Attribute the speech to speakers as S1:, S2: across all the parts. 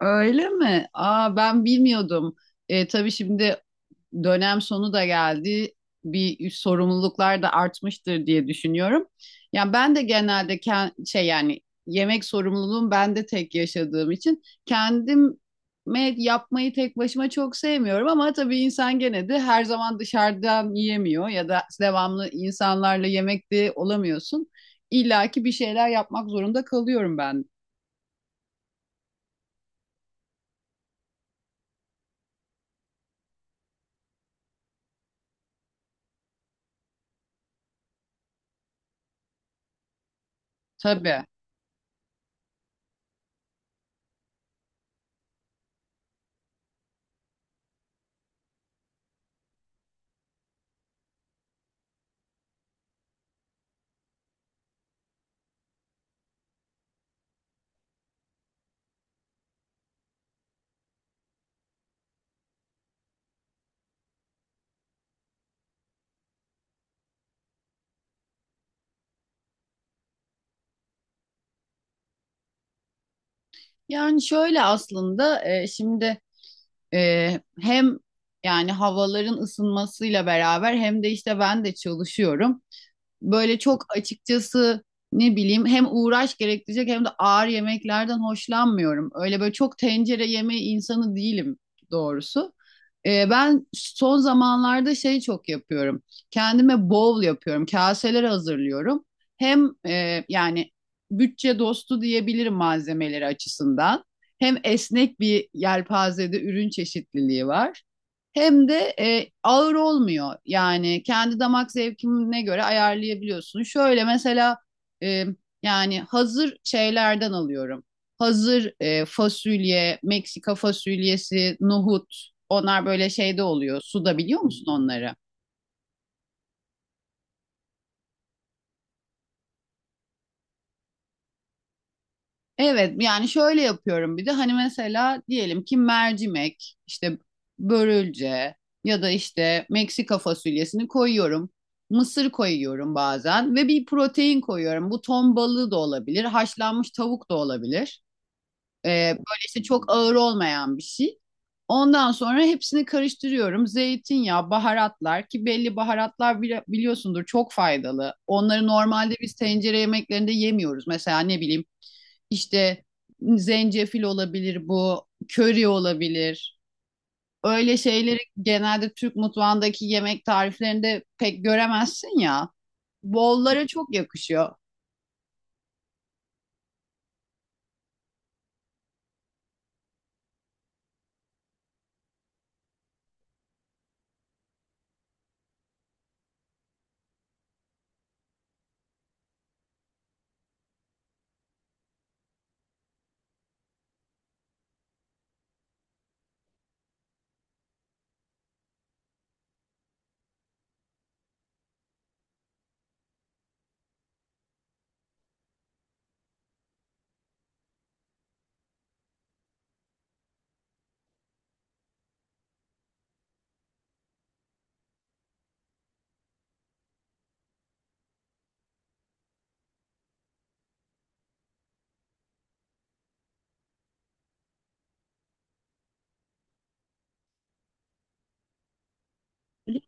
S1: Öyle mi? Aa ben bilmiyordum. Tabii şimdi dönem sonu da geldi. Bir sorumluluklar da artmıştır diye düşünüyorum. Yani ben de genelde yemek sorumluluğum ben de tek yaşadığım için kendim yapmayı tek başıma çok sevmiyorum ama tabii insan gene de her zaman dışarıdan yiyemiyor ya da devamlı insanlarla yemekte olamıyorsun. İlla ki bir şeyler yapmak zorunda kalıyorum ben. Tabii. Yani şöyle aslında şimdi hem yani havaların ısınmasıyla beraber hem de işte ben de çalışıyorum. Böyle çok açıkçası ne bileyim hem uğraş gerektirecek hem de ağır yemeklerden hoşlanmıyorum. Öyle böyle çok tencere yemeği insanı değilim doğrusu. Ben son zamanlarda şey çok yapıyorum. Kendime bowl yapıyorum. Kaseler hazırlıyorum. Hem yani bütçe dostu diyebilirim malzemeleri açısından. Hem esnek bir yelpazede ürün çeşitliliği var. Hem de ağır olmuyor. Yani kendi damak zevkine göre ayarlayabiliyorsun. Şöyle mesela e, yani hazır şeylerden alıyorum. Hazır fasulye, Meksika fasulyesi, nohut. Onlar böyle şeyde oluyor. Suda biliyor musun onları? Evet yani şöyle yapıyorum, bir de hani mesela diyelim ki mercimek işte börülce ya da işte Meksika fasulyesini koyuyorum. Mısır koyuyorum bazen ve bir protein koyuyorum. Bu ton balığı da olabilir, haşlanmış tavuk da olabilir. Ee, Böyle işte çok ağır olmayan bir şey. Ondan sonra hepsini karıştırıyorum. Zeytinyağı, baharatlar ki belli baharatlar biliyorsundur, çok faydalı. Onları normalde biz tencere yemeklerinde yemiyoruz. Mesela ne bileyim işte zencefil olabilir bu, köri olabilir. Öyle şeyleri genelde Türk mutfağındaki yemek tariflerinde pek göremezsin ya. Bollara çok yakışıyor.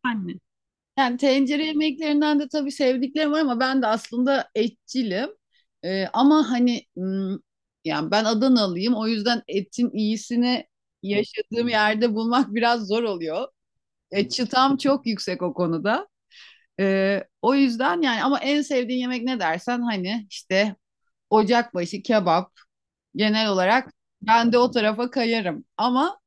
S1: Yani, Yani tencere yemeklerinden de tabii sevdiklerim var ama ben de aslında etçilim. Ama hani yani ben Adanalıyım, o yüzden etin iyisini yaşadığım yerde bulmak biraz zor oluyor. E, çıtam çok yüksek o konuda. O yüzden yani, ama en sevdiğin yemek ne dersen, hani işte ocakbaşı kebap genel olarak, ben de o tarafa kayarım. Ama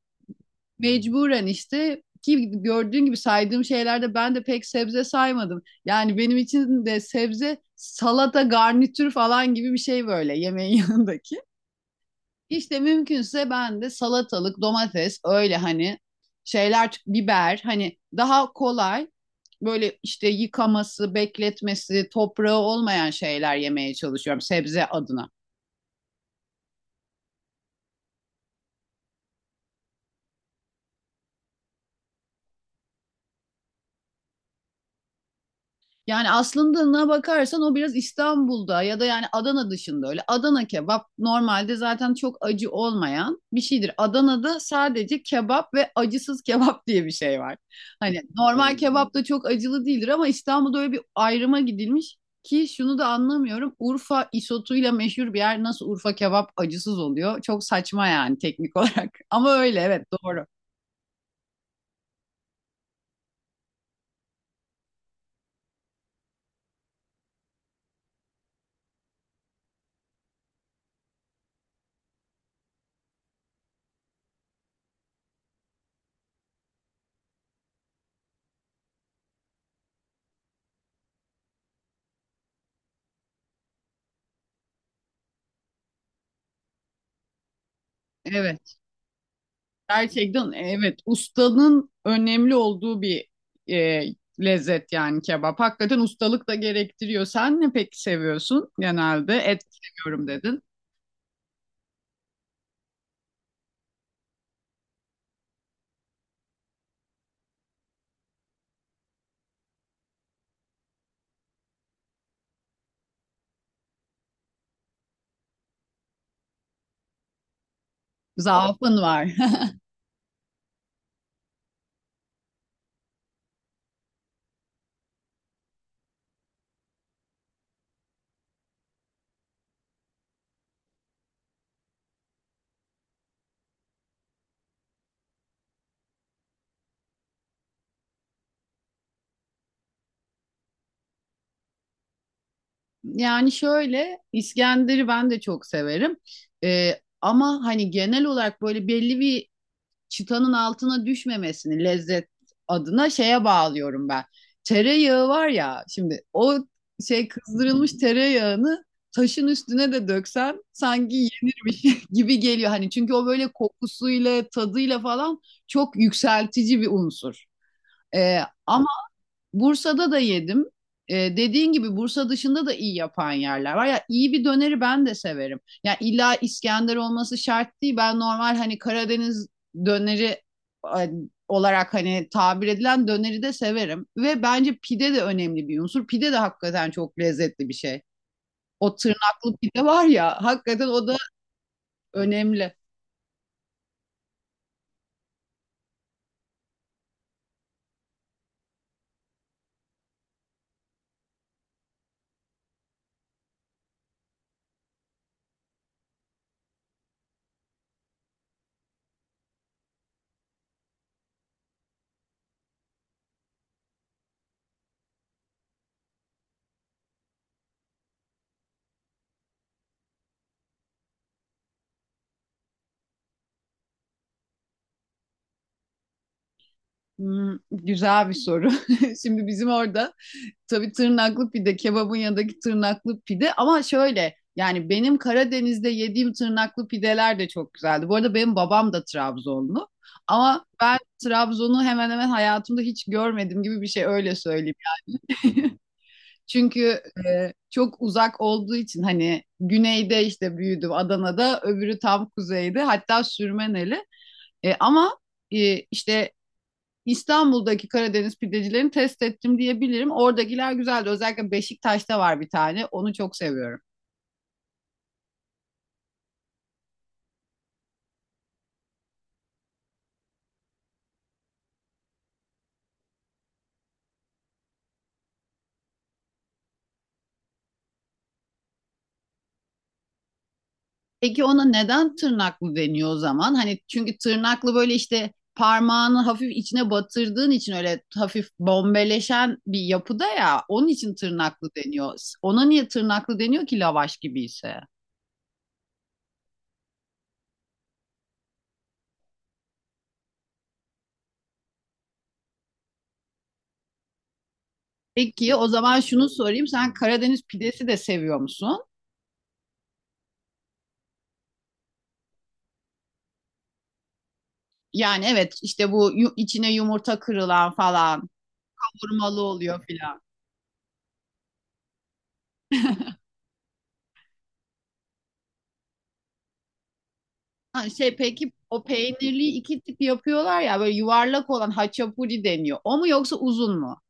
S1: mecburen işte ki gördüğün gibi saydığım şeylerde ben de pek sebze saymadım. Yani benim için de sebze salata garnitür falan gibi bir şey, böyle yemeğin yanındaki. İşte mümkünse ben de salatalık, domates, öyle hani şeyler, biber, hani daha kolay böyle işte yıkaması, bekletmesi, toprağı olmayan şeyler yemeye çalışıyorum sebze adına. Yani aslında ne bakarsan o, biraz İstanbul'da ya da yani Adana dışında öyle. Adana kebap normalde zaten çok acı olmayan bir şeydir. Adana'da sadece kebap ve acısız kebap diye bir şey var. Hani normal kebap da çok acılı değildir ama İstanbul'da öyle bir ayrıma gidilmiş ki şunu da anlamıyorum. Urfa isotuyla meşhur bir yer nasıl Urfa kebap acısız oluyor? Çok saçma yani teknik olarak. Ama öyle, evet, doğru. Evet. Gerçekten, evet, ustanın önemli olduğu bir e, lezzet yani kebap. Hakikaten ustalık da gerektiriyor. Sen ne peki seviyorsun genelde? Et seviyorum dedin. Zaafın var. Yani şöyle, İskender'i ben de çok severim. E, Ama hani genel olarak böyle belli bir çıtanın altına düşmemesini lezzet adına şeye bağlıyorum ben. Tereyağı var ya şimdi, o şey, kızdırılmış tereyağını taşın üstüne de döksen sanki yenirmiş gibi geliyor. Hani çünkü o böyle kokusuyla tadıyla falan çok yükseltici bir unsur. Ee, Ama Bursa'da da yedim. Dediğin gibi Bursa dışında da iyi yapan yerler var. Ya iyi bir döneri ben de severim. Ya illa İskender olması şart değil. Ben normal hani Karadeniz döneri e, olarak hani tabir edilen döneri de severim. Ve bence pide de önemli bir unsur. Pide de hakikaten çok lezzetli bir şey. O tırnaklı pide var ya, hakikaten o da önemli. Hmm, güzel bir soru. Şimdi bizim orada tabii tırnaklı pide, kebabın yanındaki tırnaklı pide, ama şöyle yani benim Karadeniz'de yediğim tırnaklı pideler de çok güzeldi. Bu arada benim babam da Trabzonlu ama ben Trabzon'u hemen hemen hayatımda hiç görmedim gibi bir şey, öyle söyleyeyim. Çünkü çok uzak olduğu için, hani güneyde işte büyüdüm Adana'da, öbürü tam kuzeyde, hatta Sürmeneli. E, ama e, işte İstanbul'daki Karadeniz pidecilerini test ettim diyebilirim. Oradakiler güzeldi. Özellikle Beşiktaş'ta var bir tane. Onu çok seviyorum. Peki ona neden tırnaklı deniyor o zaman? Hani çünkü tırnaklı, böyle işte parmağını hafif içine batırdığın için öyle hafif bombeleşen bir yapıda ya. Onun için tırnaklı deniyor. Ona niye tırnaklı deniyor ki lavaş gibi ise? Peki o zaman şunu sorayım: sen Karadeniz pidesi de seviyor musun? Yani evet, işte bu içine yumurta kırılan falan, hurmalı oluyor filan. Ha, şey, peki o peynirli iki tip yapıyorlar ya, böyle yuvarlak olan haçapuri deniyor. O mu yoksa uzun mu?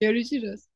S1: Görüşürüz.